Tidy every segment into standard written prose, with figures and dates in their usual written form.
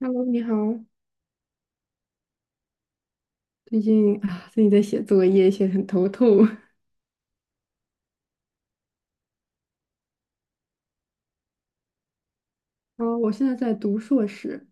Hello，你好。最近啊，最近在写作业，写得很头痛。啊，我现在在读硕士，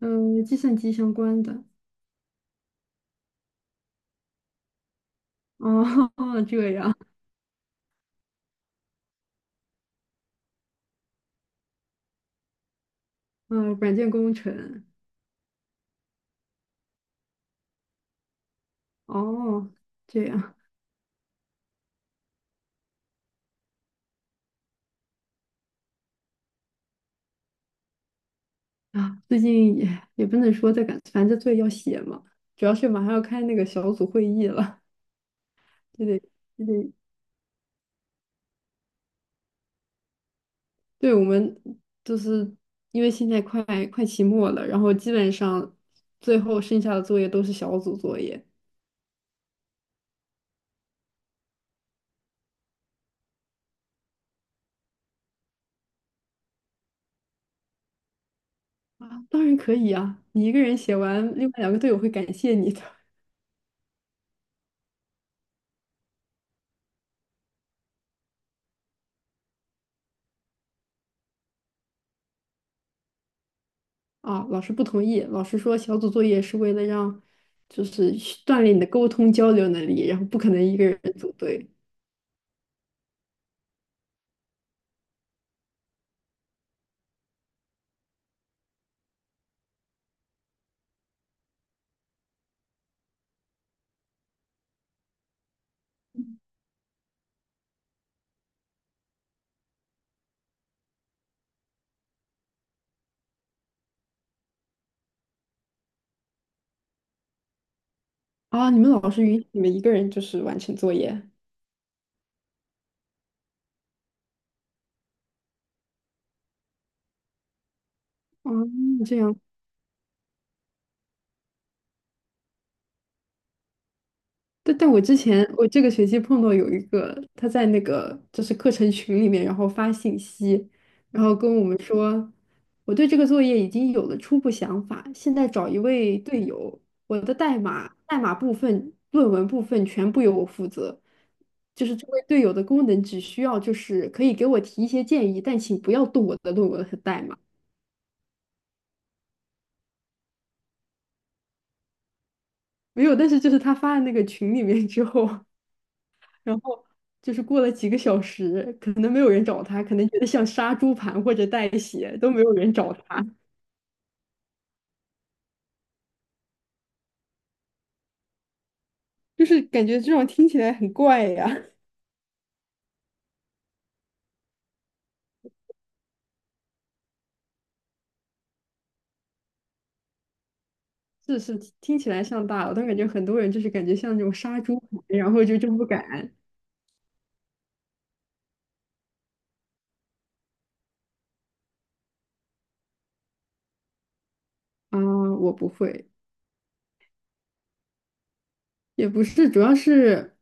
嗯，计算机相关的。哦，这样，嗯，软件工程。哦，这样啊，最近也不能说在赶，反正作业要写嘛。主要是马上要开那个小组会议了，就得就得，对我们就是因为现在快期末了，然后基本上最后剩下的作业都是小组作业。啊，当然可以啊，你一个人写完，另外两个队友会感谢你的。啊，老师不同意，老师说小组作业是为了让，就是去锻炼你的沟通交流能力，然后不可能一个人组队。啊，你们老师允许你们一个人就是完成作业？啊，这样。但但我之前我这个学期碰到有一个，他在那个就是课程群里面，然后发信息，然后跟我们说，我对这个作业已经有了初步想法，现在找一位队友，我的代码部分、论文部分全部由我负责，就是这位队友的功能只需要就是可以给我提一些建议，但请不要动我的论文和代码。没有，但是就是他发的那个群里面之后。然后就是过了几个小时，可能没有人找他，可能觉得像杀猪盘或者带血都没有人找他。就是感觉这种听起来很怪呀。是是，听起来像大佬，但感觉很多人就是感觉像那种杀猪盘，然后就真不敢啊，我不会，也不是，主要是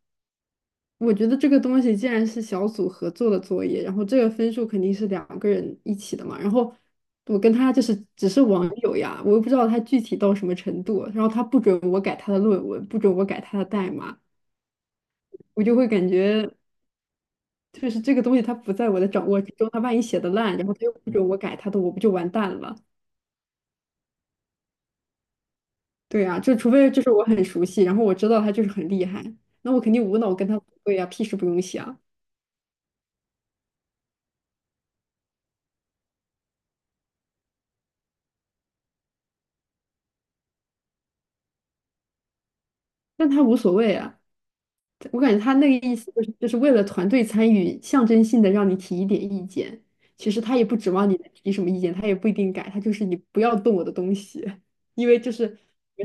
我觉得这个东西既然是小组合作的作业，然后这个分数肯定是两个人一起的嘛。然后我跟他就是只是网友呀，我又不知道他具体到什么程度。然后他不准我改他的论文，不准我改他的代码，我就会感觉就是这个东西他不在我的掌握之中。他万一写的烂，然后他又不准我改他的，我不就完蛋了？对啊，就除非就是我很熟悉，然后我知道他就是很厉害，那我肯定无脑跟他对呀，屁事不用想，但他无所谓啊。我感觉他那个意思就是为了团队参与，象征性的让你提一点意见。其实他也不指望你能提什么意见，他也不一定改，他就是你不要动我的东西，因为就是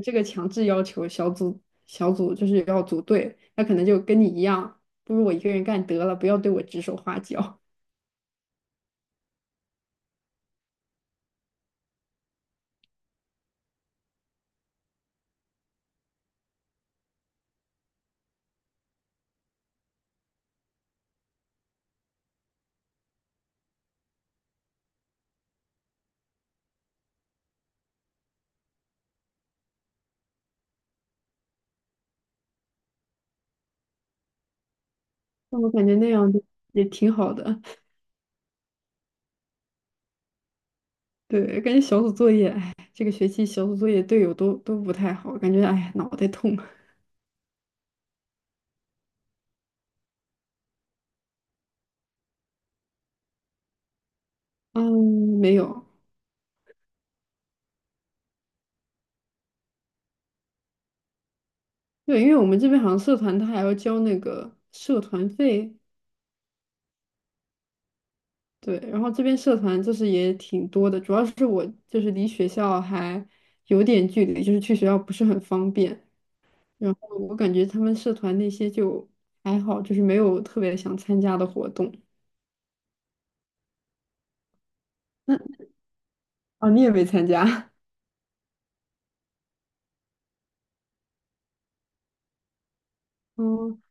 这个强制要求小组就是要组队，他可能就跟你一样，不如我一个人干得了，不要对我指手画脚。那我感觉那样子也挺好的。对，感觉小组作业，哎，这个学期小组作业队友都不太好，感觉哎呀脑袋痛。嗯，没有，对，因为我们这边好像社团他还要交那个社团费，对，然后这边社团就是也挺多的，主要是我就是离学校还有点距离，就是去学校不是很方便，然后我感觉他们社团那些就还好，就是没有特别想参加的活动。那哦，你也没参加？嗯，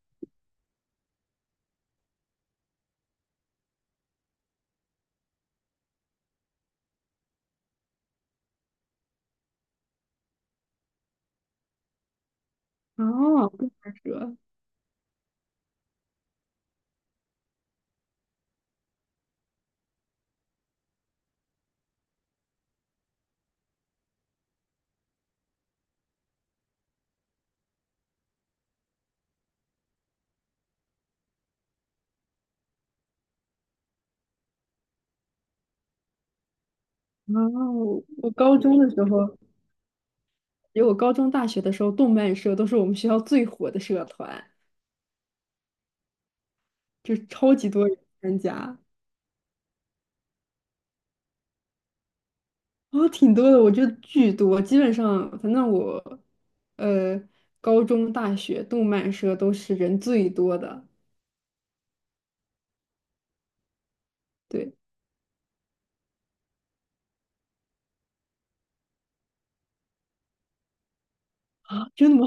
哦，动漫社，哦，我我高中的时候，因为我高中、大学的时候，动漫社都是我们学校最火的社团，就是超级多人参加。哦，挺多的，我觉得巨多，基本上，反正我，呃，高中、大学动漫社都是人最多的。对啊，真的吗？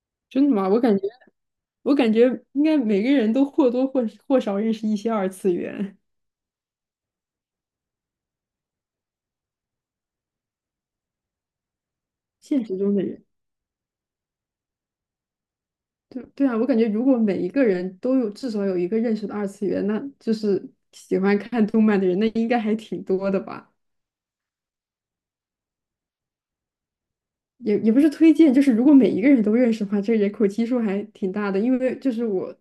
真的吗？我感觉，我感觉应该每个人都或多或少认识一些二次元，现实中的人。对对啊，我感觉如果每一个人都有至少有一个认识的二次元，那就是喜欢看动漫的人，那应该还挺多的吧。也不是推荐，就是如果每一个人都认识的话，这个人口基数还挺大的。因为就是我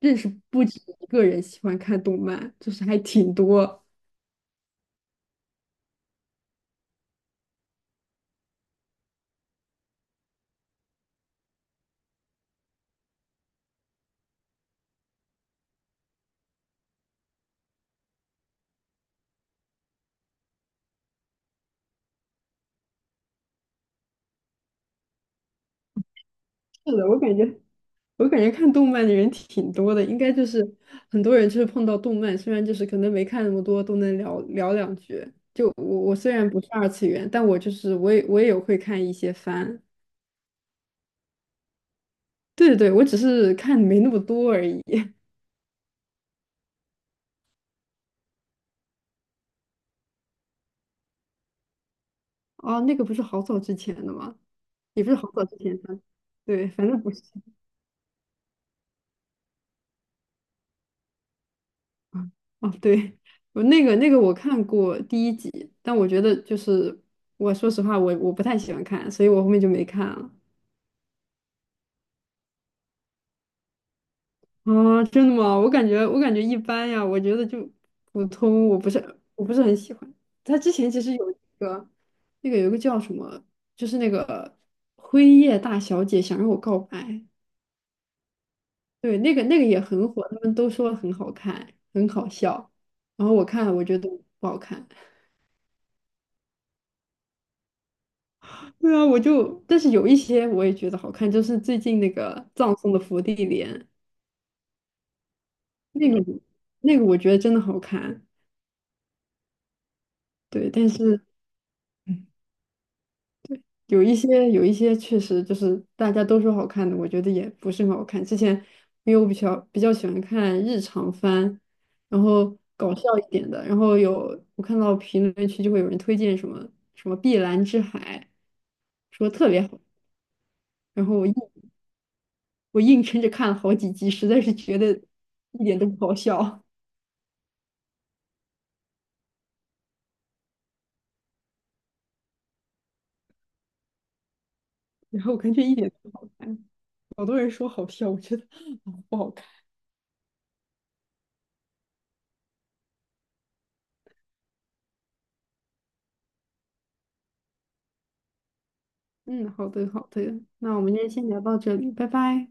认识不止一个人喜欢看动漫，就是还挺多。是的，我感觉看动漫的人挺多的，应该就是很多人就是碰到动漫，虽然就是可能没看那么多，都能聊聊两句。就我虽然不是二次元，但我就是我也有会看一些番。对对对，我只是看没那么多而已。哦，那个不是好早之前的吗？也不是好早之前的，对，反正不是，啊。哦，对，我那个那个我看过第一集，但我觉得就是我说实话，我不太喜欢看，所以我后面就没看了。啊，真的吗？我感觉一般呀，我觉得就普通，我不是很喜欢。他之前其实有一个那个有一个叫什么，就是那个辉夜大小姐想让我告白，对，那个那个也很火，他们都说很好看，很好笑。然后我看了，我觉得不好看。对啊，我就，但是有一些我也觉得好看，就是最近那个葬送的芙莉莲，那个那个我觉得真的好看，对，但是有一些确实就是大家都说好看的，我觉得也不是很好看。之前因为我比较喜欢看日常番，然后搞笑一点的，然后有我看到评论区就会有人推荐什么什么《碧蓝之海》，说特别好，然后我硬撑着看了好几集，实在是觉得一点都不好笑。然后我感觉一点都不好看，好多人说好笑，我觉得啊不好看。嗯，好的好的，那我们今天先聊到这里，拜拜。